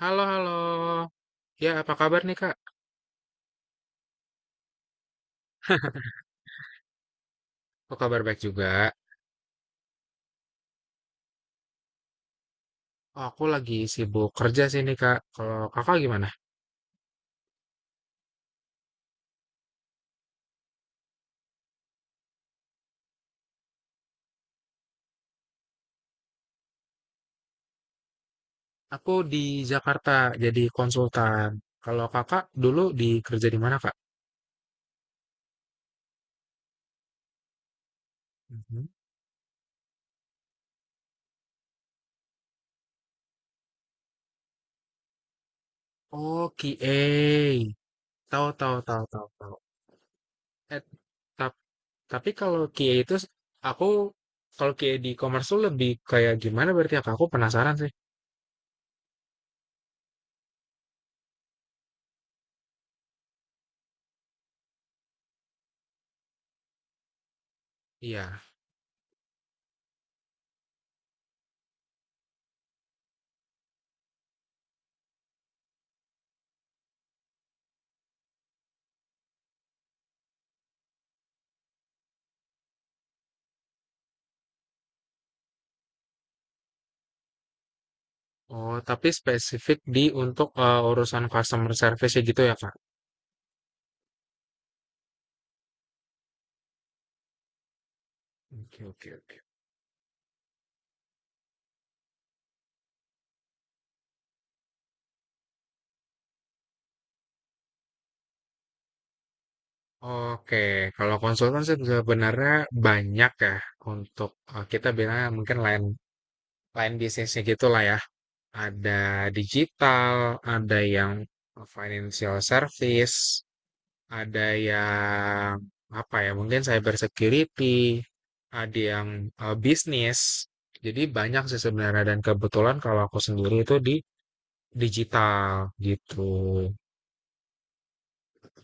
Halo, halo. Ya, apa kabar nih, Kak? Aku kabar baik juga. Oh, aku lagi sibuk kerja sih nih, Kak. Kalau Kakak gimana? Aku di Jakarta jadi konsultan. Kalau Kakak dulu di kerja di mana, Kak? Mhm. Oh, QA. Tahu, tahu, tahu, tahu, tahu. Eh, tap- tapi kalau QA itu aku kalau QA di e-commerce tuh lebih kayak gimana berarti ya, Kak? Aku penasaran sih. Iya. Oh, tapi spesifik di untuk urusan customer service ya gitu ya, Kak? Oke, oke, oke. Oke, kalau konsultan sih sebenarnya banyak ya untuk kita bilang mungkin lain lain bisnisnya gitulah ya. Ada digital, ada yang financial service, ada yang apa ya? Mungkin cyber security, ada yang bisnis. Jadi banyak sih sebenarnya dan kebetulan kalau aku sendiri itu di digital gitu.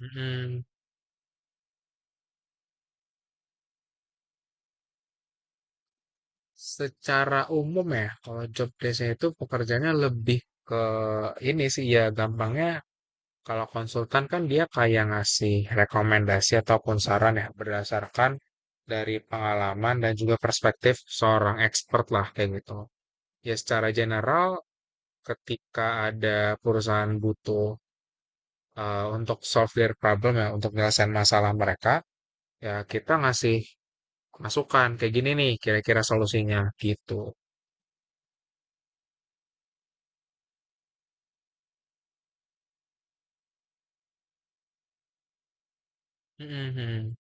Mm-mm. Secara umum ya, kalau job desk itu pekerjaannya lebih ke ini sih ya gampangnya kalau konsultan kan dia kayak ngasih rekomendasi ataupun saran ya berdasarkan dari pengalaman dan juga perspektif seorang expert lah kayak gitu. Ya secara general ketika ada perusahaan butuh untuk solve their problem ya untuk menyelesaikan masalah mereka ya kita ngasih masukan kayak gini nih kira-kira solusinya gitu. Mhm.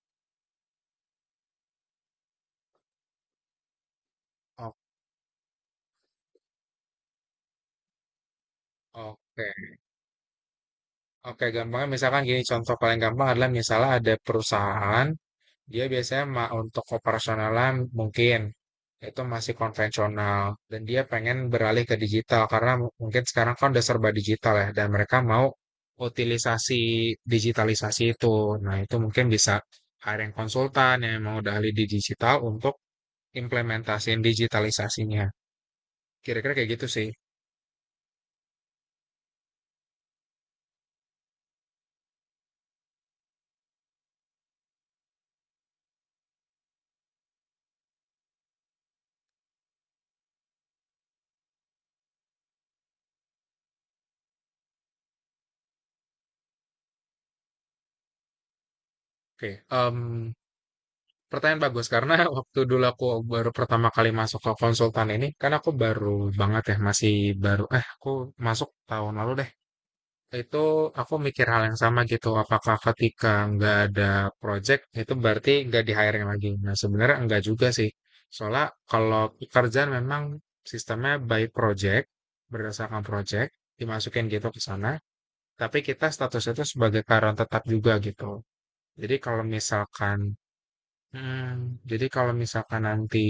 Oke, oke gampangnya misalkan gini contoh paling gampang adalah misalnya ada perusahaan dia biasanya untuk operasionalnya mungkin itu masih konvensional dan dia pengen beralih ke digital karena mungkin sekarang kan udah serba digital ya dan mereka mau utilisasi digitalisasi itu. Nah, itu mungkin bisa hiring konsultan yang mau udah ahli di digital untuk implementasiin digitalisasinya. Kira-kira kayak gitu sih. Oke, pertanyaan bagus karena waktu dulu aku baru pertama kali masuk ke konsultan ini kan aku baru banget ya masih baru aku masuk tahun lalu deh itu aku mikir hal yang sama gitu apakah ketika nggak ada project itu berarti nggak di hiring lagi. Nah, sebenarnya enggak juga sih, soalnya kalau pekerjaan memang sistemnya by project, berdasarkan project dimasukin gitu ke sana, tapi kita status itu sebagai karyawan tetap juga gitu. Jadi kalau misalkan Hmm, jadi kalau misalkan nanti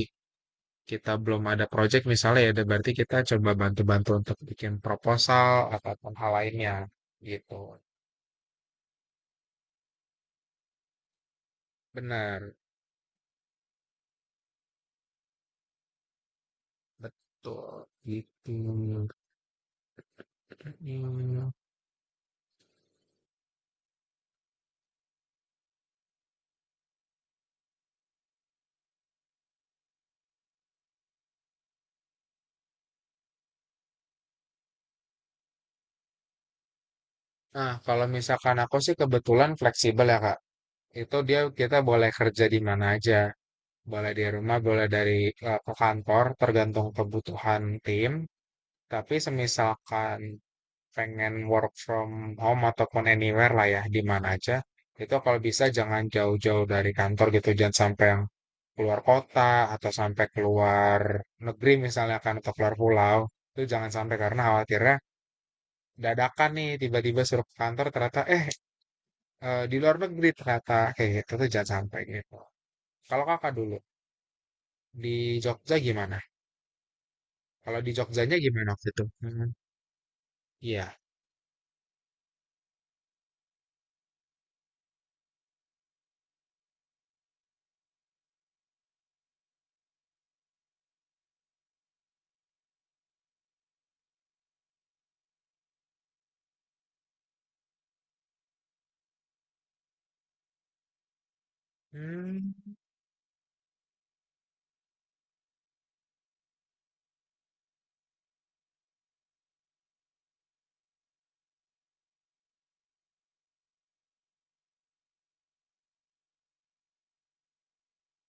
kita belum ada project misalnya ya, berarti kita coba bantu-bantu untuk bikin proposal ataupun hal lainnya gitu. Benar, betul gitu. Hmm. Nah, kalau misalkan aku sih kebetulan fleksibel ya Kak. Itu dia kita boleh kerja di mana aja. Boleh di rumah, boleh dari ke kantor, tergantung kebutuhan tim. Tapi semisalkan pengen work from home ataupun anywhere lah ya, di mana aja, itu kalau bisa jangan jauh-jauh dari kantor gitu, jangan sampai yang keluar kota atau sampai keluar negeri misalnya kan atau keluar pulau, itu jangan sampai karena khawatirnya dadakan nih tiba-tiba suruh ke kantor ternyata di luar negeri ternyata kayak gitu tuh jangan sampai gitu. Kalau kakak dulu di Jogja gimana? Kalau di Jogjanya gimana waktu itu? Hmm, iya. Hmm,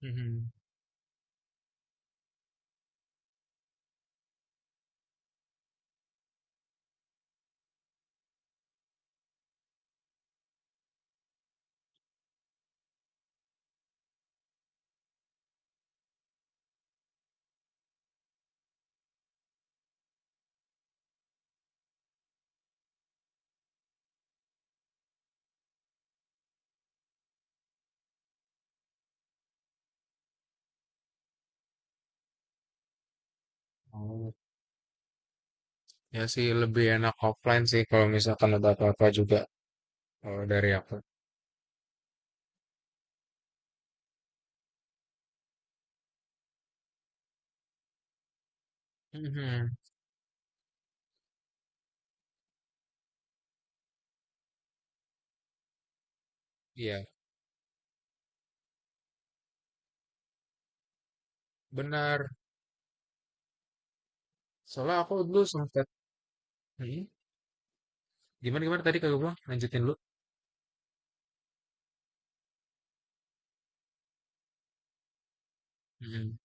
mhm. Oh. Ya sih lebih enak offline sih kalau misalkan ada apa-apa juga kalau dari aku. Mhm. Iya, benar. Soalnya aku dulu sempat. Hmm? Gimana gimana tadi kagak bilang lanjutin dulu. Mhm.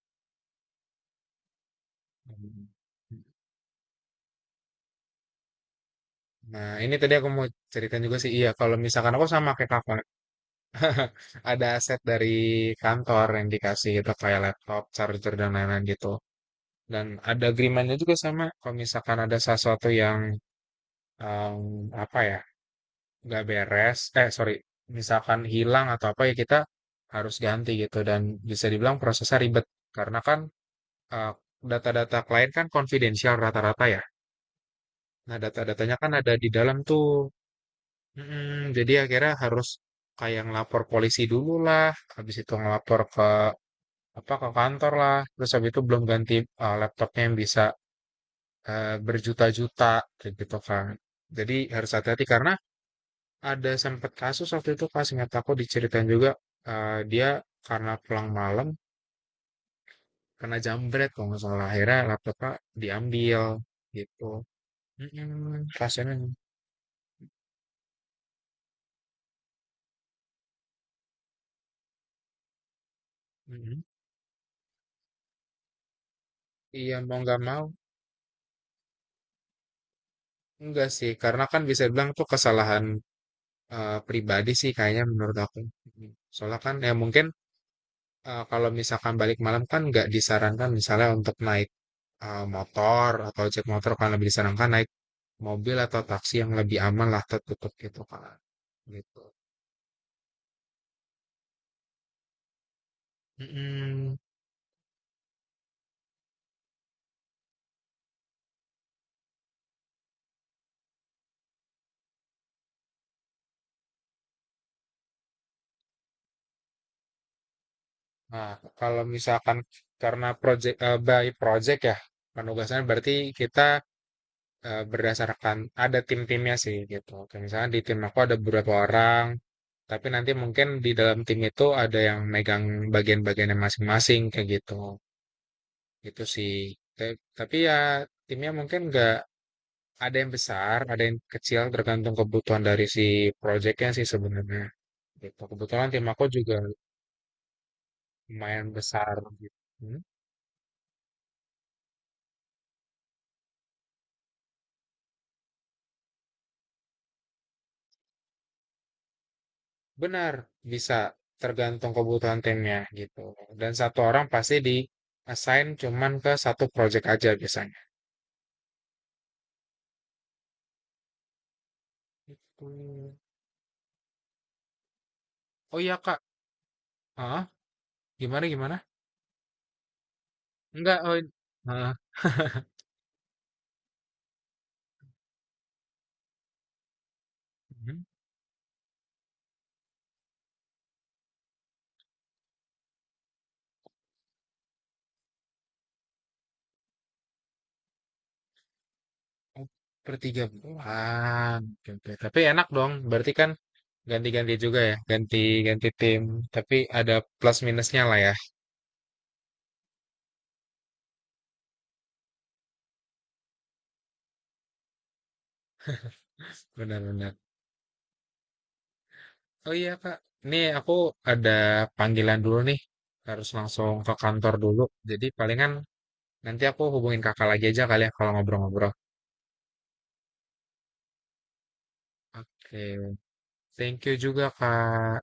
Nah, ini tadi aku mau cerita juga sih. Iya, kalau misalkan aku sama kayak kakak, ada aset dari kantor yang dikasih gitu kayak laptop, charger dan lain-lain gitu. Dan ada agreementnya juga sama. Kalau misalkan ada sesuatu yang em, apa ya nggak beres, eh sorry, misalkan hilang atau apa ya kita harus ganti gitu dan bisa dibilang prosesnya ribet karena kan eh, data-data klien kan konfidensial rata-rata ya. Nah data-datanya kan ada di dalam tuh. Mm, jadi akhirnya harus kayak ngelapor polisi dulu lah, habis itu ngelapor ke apa ke kantor lah, terus habis itu belum ganti laptopnya yang bisa berjuta-juta kayak gitu kan. Jadi harus hati-hati karena ada sempat kasus waktu itu pas ingat aku diceritain juga dia karena pulang malam kena jambret kalau nggak salah akhirnya laptopnya diambil gitu. Mm-mm, pasiennya. Mm-mm. Iya mau nggak mau enggak sih karena kan bisa bilang tuh kesalahan pribadi sih kayaknya menurut aku. Mm. Soalnya kan ya mungkin kalau misalkan balik malam kan nggak disarankan misalnya untuk naik motor atau ojek motor kan lebih disarankan naik mobil atau taksi yang lebih aman lah tertutup gitu kan gitu. Mm-mm. Nah kalau misalkan karena project by project ya penugasan berarti kita berdasarkan ada tim-timnya sih gitu kayak misalnya di tim aku ada beberapa orang tapi nanti mungkin di dalam tim itu ada yang megang bagian-bagiannya masing-masing kayak gitu itu sih. Tapi ya timnya mungkin nggak ada yang besar ada yang kecil tergantung kebutuhan dari si projectnya sih sebenarnya. Gitu. Kebetulan tim aku juga lumayan besar gitu. Hmm, benar, bisa tergantung kebutuhan timnya gitu. Dan satu orang pasti di assign cuman ke 1 project aja biasanya. Gitu. Oh iya Kak, ah gimana gimana? Enggak, oh in- ah. Mhm. Oh, per 3 bulan. Oke, oke. Tapi enak dong, berarti kan ganti-ganti juga ya, ganti-ganti tim. Tapi ada plus minusnya lah ya, benar-benar. Oh iya Kak, nih aku ada panggilan dulu nih. Harus langsung ke kantor dulu. Jadi palingan nanti aku hubungin kakak lagi aja kali ya kalau ngobrol-ngobrol. Oke, thank you juga Kak.